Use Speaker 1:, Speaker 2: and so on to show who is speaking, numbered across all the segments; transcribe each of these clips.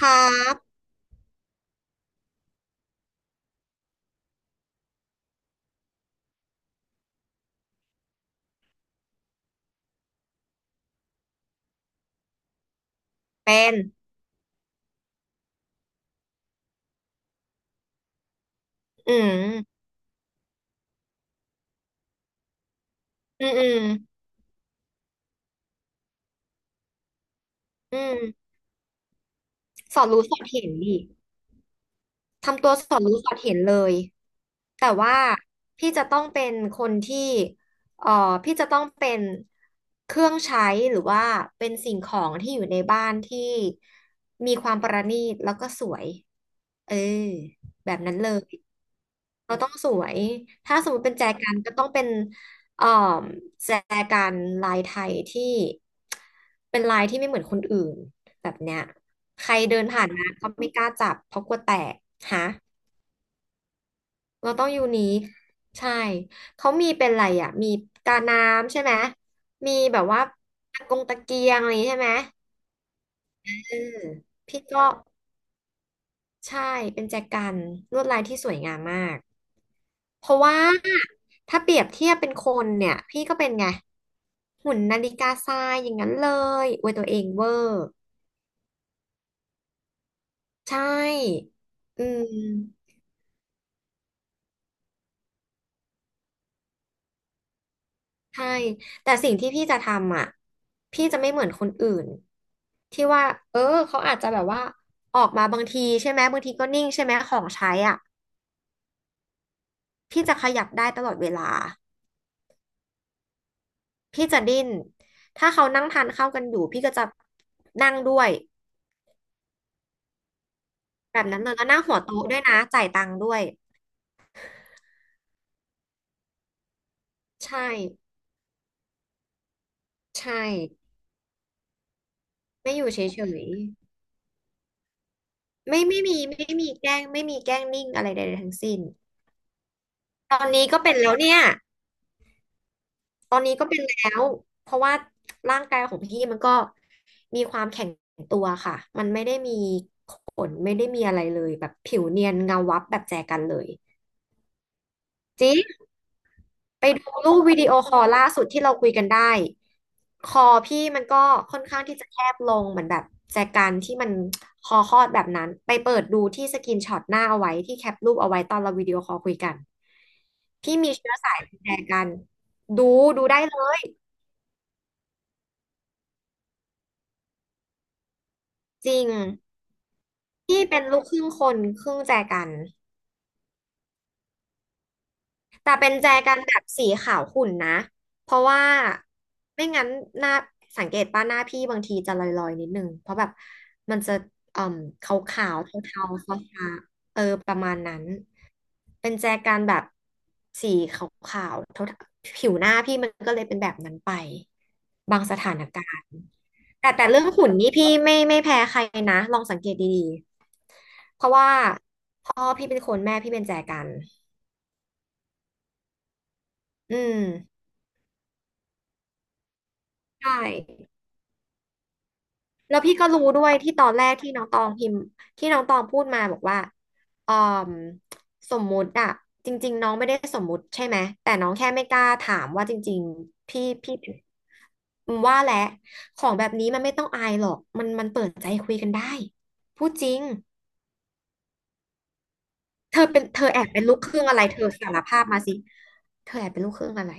Speaker 1: ครับเป็นอืมอืมอืมอืมสอดรู้สอดเห็นดิทำตัวสอดรู้สอดเห็นเลยแต่ว่าพี่จะต้องเป็นคนที่เอ่อพี่จะต้องเป็นเครื่องใช้หรือว่าเป็นสิ่งของที่อยู่ในบ้านที่มีความประณีตแล้วก็สวยเออแบบนั้นเลย เราต้องสวยถ้าสมมติเป็นแจกันก็ต้องเป็นเอ่อแจกันลายไทยที่เป็นลายที่ไม่เหมือนคนอื่นแบบเนี้ยใครเดินผ่านมาก็ไม่กล้าจับเพราะกลัวแตกฮะเราต้องยูนิคใช่เขามีเป็นอะไรอ่ะมีกาน้ำใช่ไหม มีแบบว่าตะกงตะเกียงอะไรอย่างงี้ใช่ไหมเออพี่ก็ใช่เป็นแจกันลวดลายที่สวยงามมาก เพราะว่าถ้าเปรียบเทียบเป็นคนเนี่ยพี่ก็เป็นไงหุ่นนาฬิกาทรายอย่างนั้นเลยอวยตัวเองเวอร์ใช่อืมใช่แต่สิ่งที่พี่จะทำอ่ะพี่จะไม่เหมือนคนอื่นที่ว่าเออเขาอาจจะแบบว่าออกมาบางทีใช่ไหมบางทีก็นิ่งใช่ไหมของใช้อ่ะพี่จะขยับได้ตลอดเวลาพี่จะดิ้นถ้าเขานั่งทานข้าวกันอยู่พี่ก็จะนั่งด้วยแบบนั้นเลยแล้วนั่งหัวโต๊ะด้วยนะจ่ายตังค์ด้วย ใช่ใช่ ไม่อยู่เฉยๆไม่มีแกล้งไม่มีแกล้งนิ่งอะไรใดๆทั้งสิ้น ตอนนี้ก็เป็นแล้วเนี่ยตอนนี้ก็เป็นแล้วเพราะว่าร่างกายของพี่มันก็มีความแข็งตัวค่ะ มันไม่ได้มีขนไม่ได้มีอะไรเลยแบบผิวเนียนเงาวับแบบแจกันเลยจริง ไปดูรูปวิดีโอคอลล่าสุดที่เราคุยกันได้คอพี่มันก็ค่อนข้างที่จะแคบลงเหมือนแบบแจกันที่มันคอคอดแบบนั้นไปเปิดดูที่สกินช็อตหน้าเอาไว้ที่แคปรูปเอาไว้ตอนเราวิดีโอคอลคุยกันพี่มีเชื้อสายแจกันดูดูได้เลยจริงพี่เป็นลูกครึ่งคนครึ่งแจกัน แต่เป็นแจกันแบบสีขาวขุ่นนะ เพราะว่าไม่งั้นหน้าสังเกตป่ะหน้าพี่บางทีจะลอยๆนิดนึงเพราะแบบมันจะเอ่อขาวๆเทาๆฟ้าๆเออประมาณนั้นเป็นแจกันแบบสีขาวๆเทาๆผิวหน้าพี่มันก็เลยเป็นแบบนั้นไปบางสถานการณ์แต่เรื่องหุ่นนี่พี่ไม่แพ้ใครนะลองสังเกตดีๆเพราะว่าพ่อพี่เป็นคนแม่พี่เป็นแจกันอืม ใช่ แล้วพี่ก็รู้ด้วยที่ตอนแรกที่น้องตองพิมพ์ที่น้องตองพูดมาบอกว่าออมสมมุติอะจริงๆน้องไม่ได้สมมุติใช่ไหมแต่น้องแค่ไม่กล้าถามว่าจริงๆพี่อืมว่าแหละของแบบนี้มันไม่ต้องอายหรอกมันเปิดใจคุยกันได้พูดจริงเธอเป็นเธอแอบเป็นลูกครึ่งอะไรเธอสารภาพมาสิเธอแอบเป็นลูกครึ่งอะไร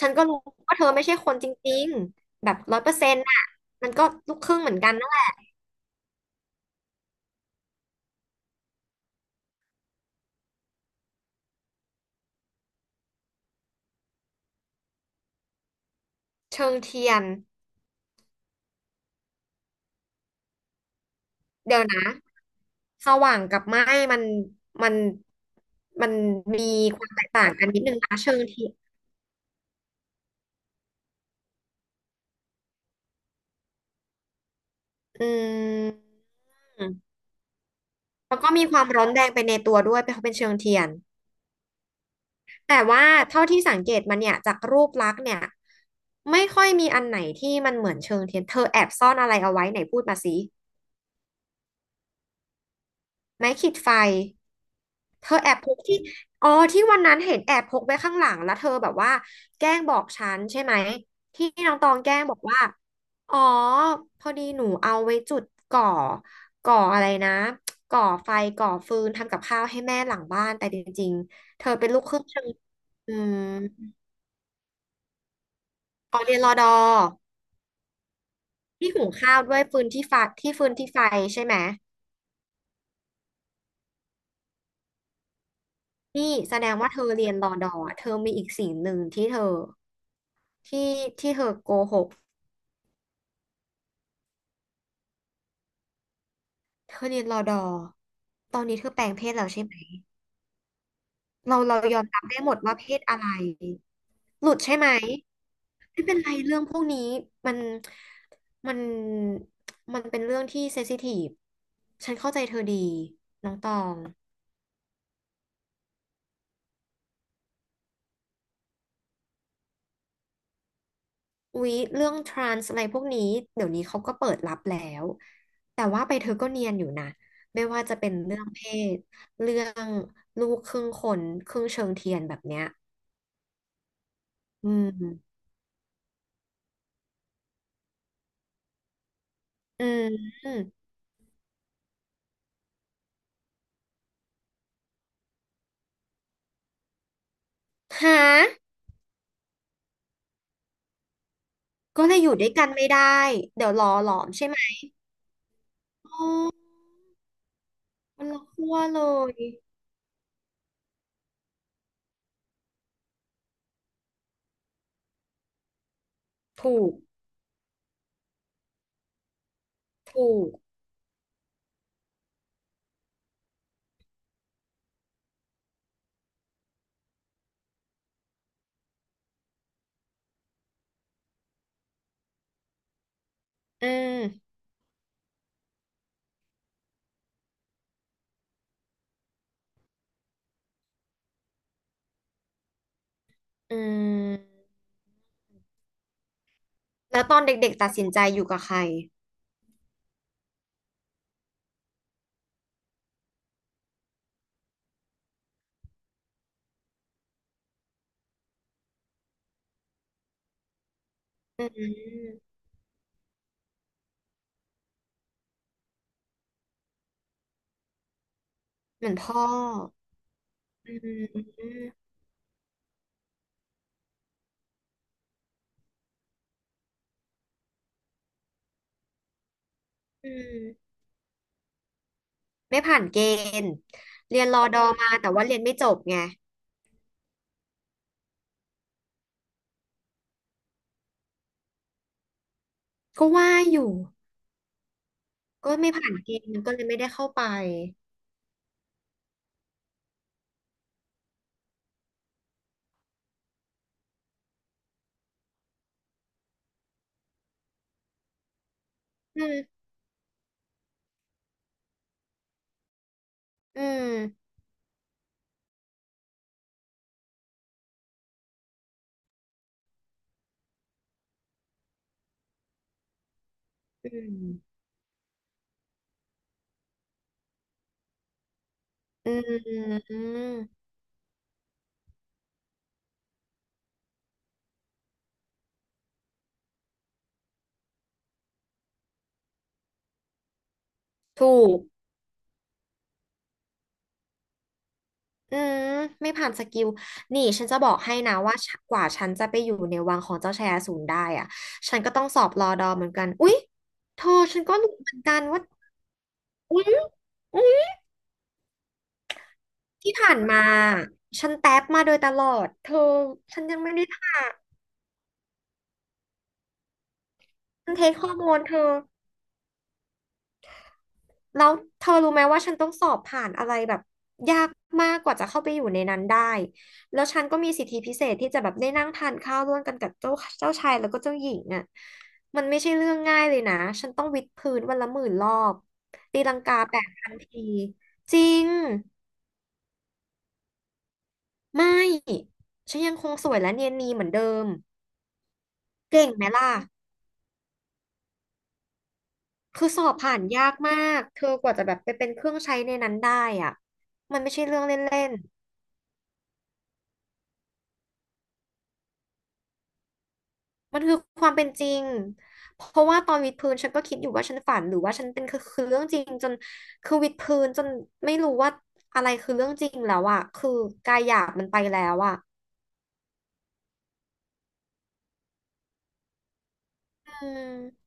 Speaker 1: ฉันก็รู้ว่าเธอไม่ใช่คนจริงๆแบบร้อยเปอร์เซ็นต์อะมันก็ลูกครึ่งเหมือนกันนั่นแหละเชิงเทียน เดี๋ยวนะสว่างกับไหม้มันมันมันมีความแตกต่างกันนิดนึงนะเชิงเทียนอืมแล้วก็มีความร้อนแรงไปในตัวด้วยเพราะเป็นเชิงเทียน แต่ว่าเท่าที่สังเกตมันเนี่ยจากรูปลักษณ์เนี่ยไม่ค่อยมีอันไหนที่มันเหมือนเชิงเทียน เธอแอบซ่อนอะไรเอาไว้ไหนพูดมาสิไม้ขีดไฟ เธอแอบพกที่อ๋อที่วันนั้นเห็นแอบพกไว้ข้างหลังแล้วเธอแบบว่าแกล้งบอกฉันใช่ไหมที่น้องตองแกล้งบอกว่าอ๋อพอดีหนูเอาไว้จุดก่อก่ออะไรนะก่อไฟก่อฟืนทำกับข้าวให้แม่หลังบ้านแต่จริงๆเธอเป็นลูกครึ่งเธออืมอ๋อเรียนรอดอที่หุงข้าวด้วยฟืนที่ไฟที่ฟืนที่ไฟใช่ไหมนี่แสดงว่าเธอเรียนรอดอเธอมีอีกสิ่งหนึ่งที่เธอที่ที่เธอโกหก เธอเรียนรอดอตอนนี้เธอแปลงเพศแล้วใช่ไหมเรายอมรับได้หมดว่าเพศอะไรหลุดใช่ไหมไม่เป็นไรเรื่องพวกนี้มันมันมันเป็นเรื่องที่เซนซิทีฟฉันเข้าใจเธอดีน้องตองอุ๊ยเรื่องทรานส์อะไรพวกนี้เดี๋ยวนี้เขาก็เปิดรับแล้วแต่ว่าไปเธอก็เนียนอยู่นะไม่ว่าจะเป็นเรื่องเพศเรื่องลูกครึ่งคนครึ่งเชิงเทียนแบบเนี้ยอืมอืมฮะ ก็เลยอยู่ด้วยกันไม่ได้เดี๋ยวรอหลอมใช่ไหมอ๋อมันละขั้วเลยถูกถูกอืมอืมแล้วตอนเด็กๆตัดสินใจอยู่กับใครอืมเหมือนพ่ออืมอืมไม่ผ่านเกณฑ์เรียนรอดอมาแต่ว่าเรียนไม่จบไงก็ว่าอยู่ก็ไม่ผ่านเกณฑ์ก็เลยไม่ได้เข้าไปอืมอืมอืมอืมถูก อืมไม่ผ่านสกิลนี่ฉันจะบอกให้นะว่าฉันกว่าฉันจะไปอยู่ในวังของเจ้าชายอสูรได้อ่ะฉันก็ต้องสอบรอดอเหมือนกันอุ๊ยเธอฉันก็รู้เหมือนกันว่าอุ๊ยอุ๊ยที่ผ่านมาฉันแท็บมาโดยตลอดเธอฉันยังไม่ได้ผ่านฉันเทคฮอร์โมนเธอ แล้วเธอรู้ไหมว่าฉันต้องสอบผ่านอะไรแบบยากมากกว่าจะเข้าไปอยู่ในนั้นได้ แล้วฉันก็มีสิทธิพิเศษที่จะแบบได้นั่งทานข้าวร่วมกันกับเจ้าชายแล้วก็เจ้าหญิงอ่ะมันไม่ใช่เรื่องง่ายเลยนะ ฉันต้องวิดพื้นวันละ10,000 รอบตีลังกา8,000 ทีจริง ไม่ ฉันยังคงสวยและเนียนนีเหมือนเดิม เก่งไหมล่ะ คือสอบผ่านยากมากเธอกว่าจะแบบไปเป็นเครื่องใช้ในนั้นได้อ่ะมันไม่ใช่เรื่องเล่น มันคือความเป็นจริงเพราะว่าตอนวิดพื้นฉันก็คิดอยู่ว่าฉันฝันหรือว่าฉันเป็นคือเรื่องจริงจนคือวิดพื้นจนไม่รู้ว่าอะไรคือเรื่องจริงแล้วอะคือกายหยาบมันไปแล้วอะอืม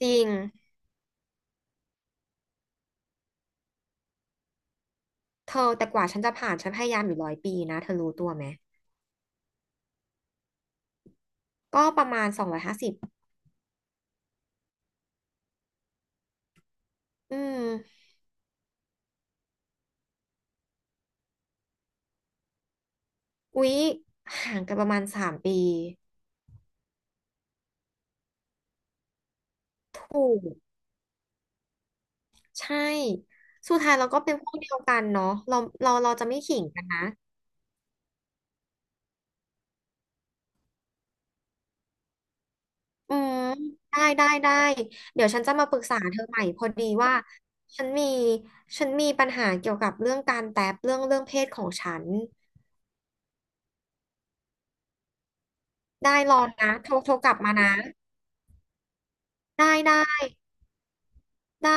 Speaker 1: จริง เธอแต่กว่าฉันจะผ่านฉันพยายามอยู่100 ปีนะเธอรู้ตัวไหม ก็ประมาณ250อืมอุ๊ยห่างกันประมาณ3 ปีถูกใช่สุดท้ายเราก็เป็นพวกเดียวกันเนาะเราจะไม่ขิงกันนะ อืมได้ได้ได้เดี๋ยวฉันจะมาปรึกษาเธอใหม่พอดีว่าฉันมีฉันมีปัญหาเกี่ยวกับเรื่องการแตบเรื่องเพศของฉันได้รอนะโทรกลับมานะได้ได้ได้